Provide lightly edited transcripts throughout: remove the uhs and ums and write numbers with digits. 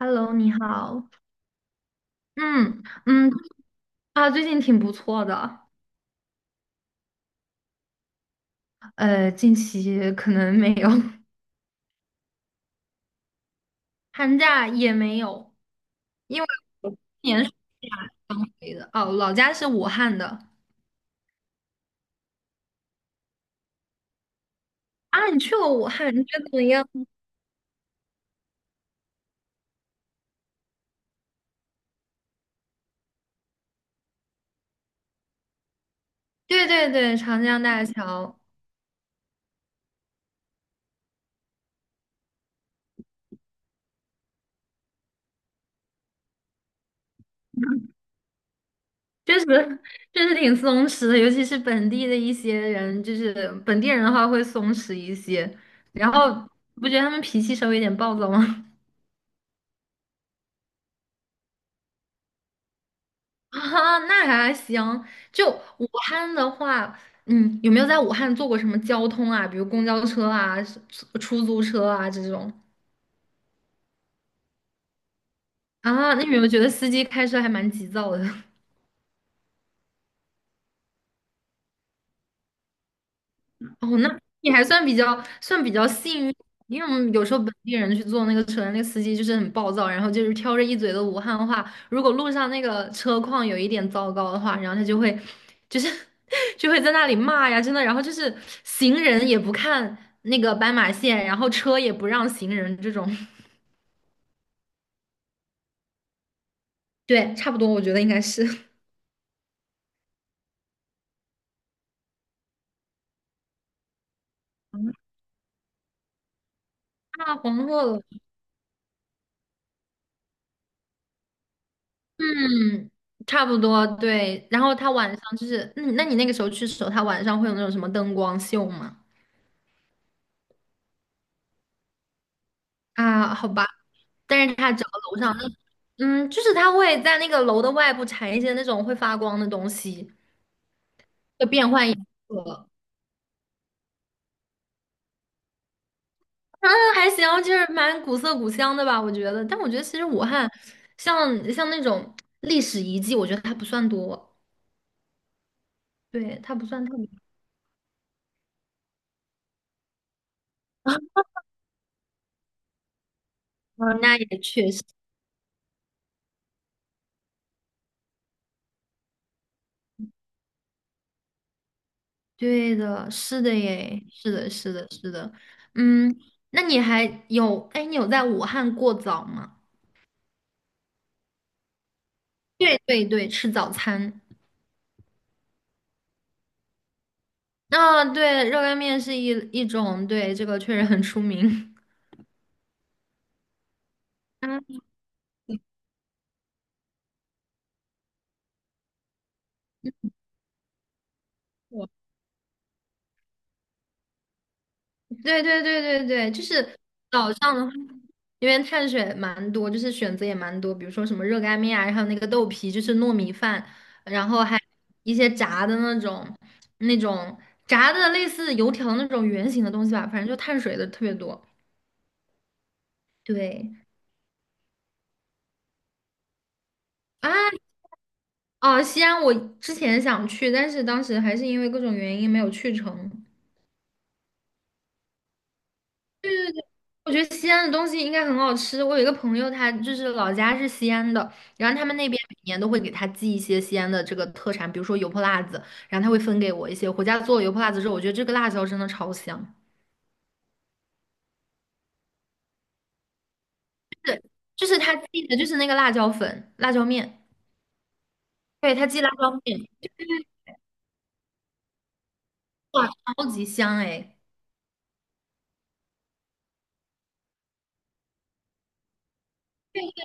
Hello，你好。嗯嗯，啊，最近挺不错的。近期可能没有，寒假也没有，因为今年是刚回的。哦，老家是武汉的。啊，你去过武汉，你觉得怎么样？对对对，长江大桥确实。 确实挺松弛的，尤其是本地的一些人，就是本地人的话会松弛一些。然后，不觉得他们脾气稍微有点暴躁吗？啊，那还行。就武汉的话，嗯，有没有在武汉坐过什么交通啊？比如公交车啊、出租车啊这种。啊？那你有没有觉得司机开车还蛮急躁的？哦，那你还算比较幸运，因为我们有时候本地人去坐那个车，那个司机就是很暴躁，然后就是挑着一嘴的武汉话。如果路上那个车况有一点糟糕的话，然后他就会就是 就会在那里骂呀，真的。然后就是行人也不看那个斑马线，然后车也不让行人这种。对，差不多，我觉得应该是。 啊，黄鹤楼，嗯，差不多对。然后他晚上就是，嗯，那你那个时候去的时候，他晚上会有那种什么灯光秀吗？啊，好吧，但是它只要楼上那，嗯，就是它会在那个楼的外部缠一些那种会发光的东西，会变换颜色。嗯，还行，就是蛮古色古香的吧，我觉得。但我觉得其实武汉像像那种历史遗迹，我觉得它不算多，对，它不算特别多。那也确实，对的，是的耶，是的，是的，是的。嗯，那你还有，哎，你有在武汉过早吗？对对对，吃早餐。啊，对，热干面是一种，对，这个确实很出名。啊，我对，就是早上的话，因为碳水蛮多，就是选择也蛮多，比如说什么热干面啊，然后那个豆皮，就是糯米饭，然后还一些炸的那种，那种炸的类似油条那种圆形的东西吧，反正就碳水的特别多。对啊，哦，西安我之前想去，但是当时还是因为各种原因没有去成。对。我觉得西安的东西应该很好吃。我有一个朋友，他就是老家是西安的，然后他们那边每年都会给他寄一些西安的这个特产，比如说油泼辣子，然后他会分给我一些。回家做了油泼辣子之后，我觉得这个辣椒真的超香，就是他寄的就是那个辣椒粉、辣椒面，对，他寄辣椒面，哇，超级香哎！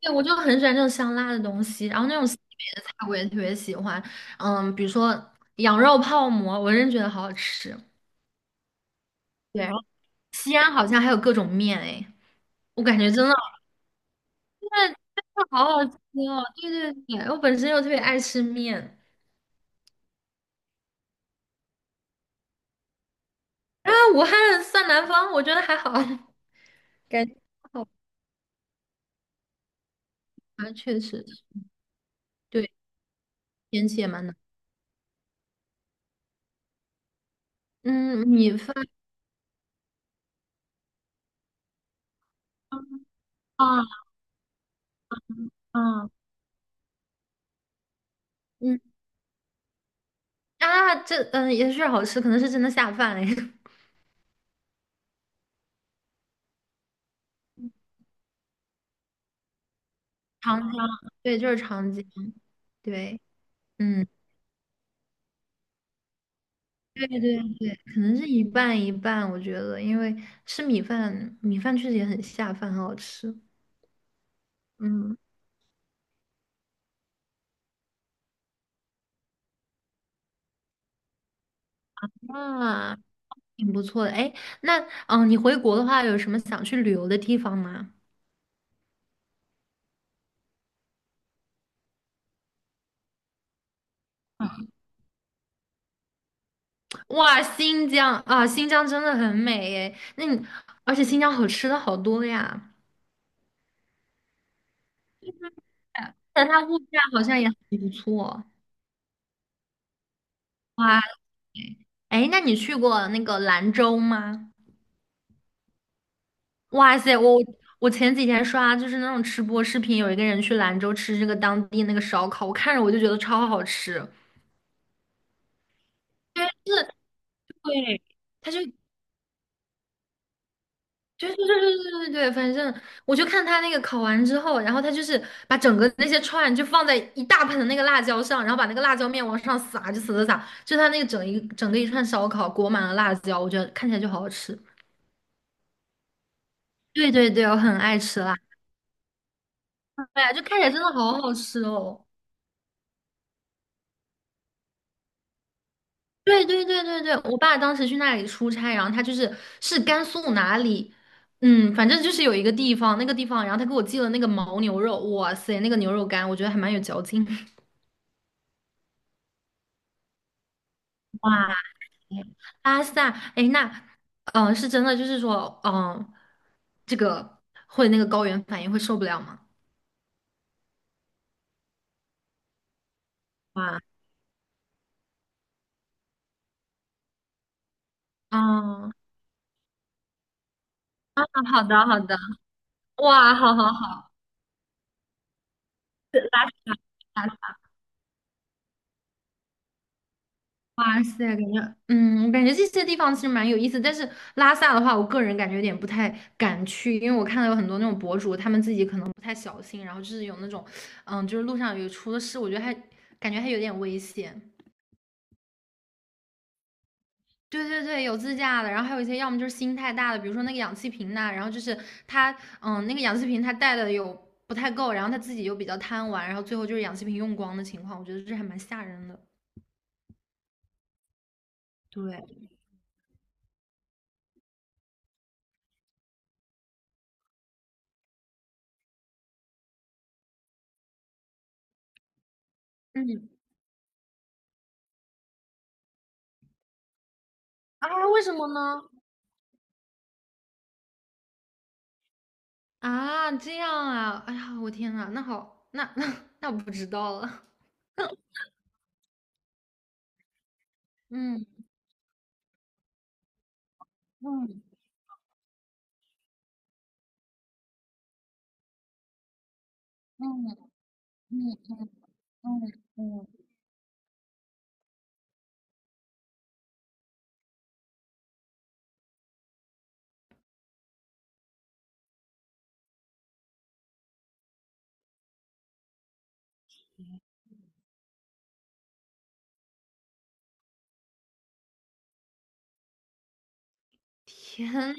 对，我就很喜欢这种香辣的东西，然后那种西北的菜我也特别喜欢，嗯，比如说羊肉泡馍，我真觉得好好吃。对，然后西安好像还有各种面哎。我感觉真的真的好好吃哦！对对对，我本身又特别爱吃面，然后武汉算南方，我觉得还好，感觉好吧，确实，对，天气也蛮冷。嗯，米饭啊，啊，嗯啊，这嗯也是好吃，可能是真的下饭哎。长江，对，就是长江，对，嗯，对对对，可能是一半一半，我觉得，因为吃米饭，米饭确实也很下饭，很好吃。嗯，那。挺不错的。哎，那你回国的话，有什么想去旅游的地方吗？哇，新疆啊，新疆真的很美哎。那你，而且新疆好吃的好多呀，但它物价好像也很不错。哇，哎，那你去过那个兰州吗？哇塞，我前几天刷就是那种吃播视频，有一个人去兰州吃这个当地那个烧烤，我看着我就觉得超好吃。对，是，对，他就对对对对对，反正我就看他那个烤完之后，然后他就是把整个那些串就放在一大盆的那个辣椒上，然后把那个辣椒面往上撒，就撒撒撒，就他那个整个一串烧烤裹满了辣椒，我觉得看起来就好好吃。对对对，我很爱吃辣，对呀，就看起来真的好好吃哦。对对对对对，我爸当时去那里出差，然后他就是是甘肃哪里，嗯，反正就是有一个地方，那个地方，然后他给我寄了那个牦牛肉，哇塞，那个牛肉干，我觉得还蛮有嚼劲。哇，拉萨，哎，那，是真的，就是说，这个会那个高原反应会受不了吗？哇，嗯，啊，好的，好的，哇，好好好。拉萨哇塞，感觉，嗯，我感觉这些地方其实蛮有意思，但是拉萨的话，我个人感觉有点不太敢去，因为我看到有很多那种博主，他们自己可能不太小心，然后就是有那种，嗯，就是路上有出了事，我觉得还感觉还有点危险。对对对，有自驾的，然后还有一些要么就是心太大的，比如说那个氧气瓶呐，然后就是他，嗯，那个氧气瓶他带的有不太够，然后他自己又比较贪玩，然后最后就是氧气瓶用光的情况，我觉得这还蛮吓人的。对，嗯，啊，为什么呢？啊，这样啊，哎呀，我天呐，那好，那 那我不知道了。嗯嗯嗯嗯嗯嗯嗯，天，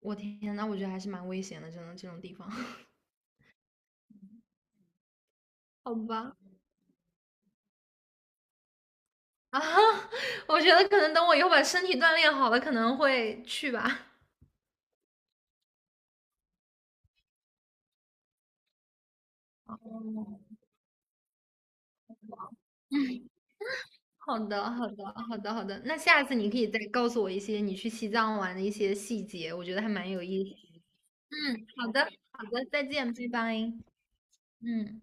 我天那我觉得还是蛮危险的，真的这种地方。好吧。啊，我觉得可能等我以后把身体锻炼好了，可能会去吧。哦，好的，好的，好的，好的。那下次你可以再告诉我一些你去西藏玩的一些细节，我觉得还蛮有意思。嗯，好的，好的，再见，拜拜。嗯。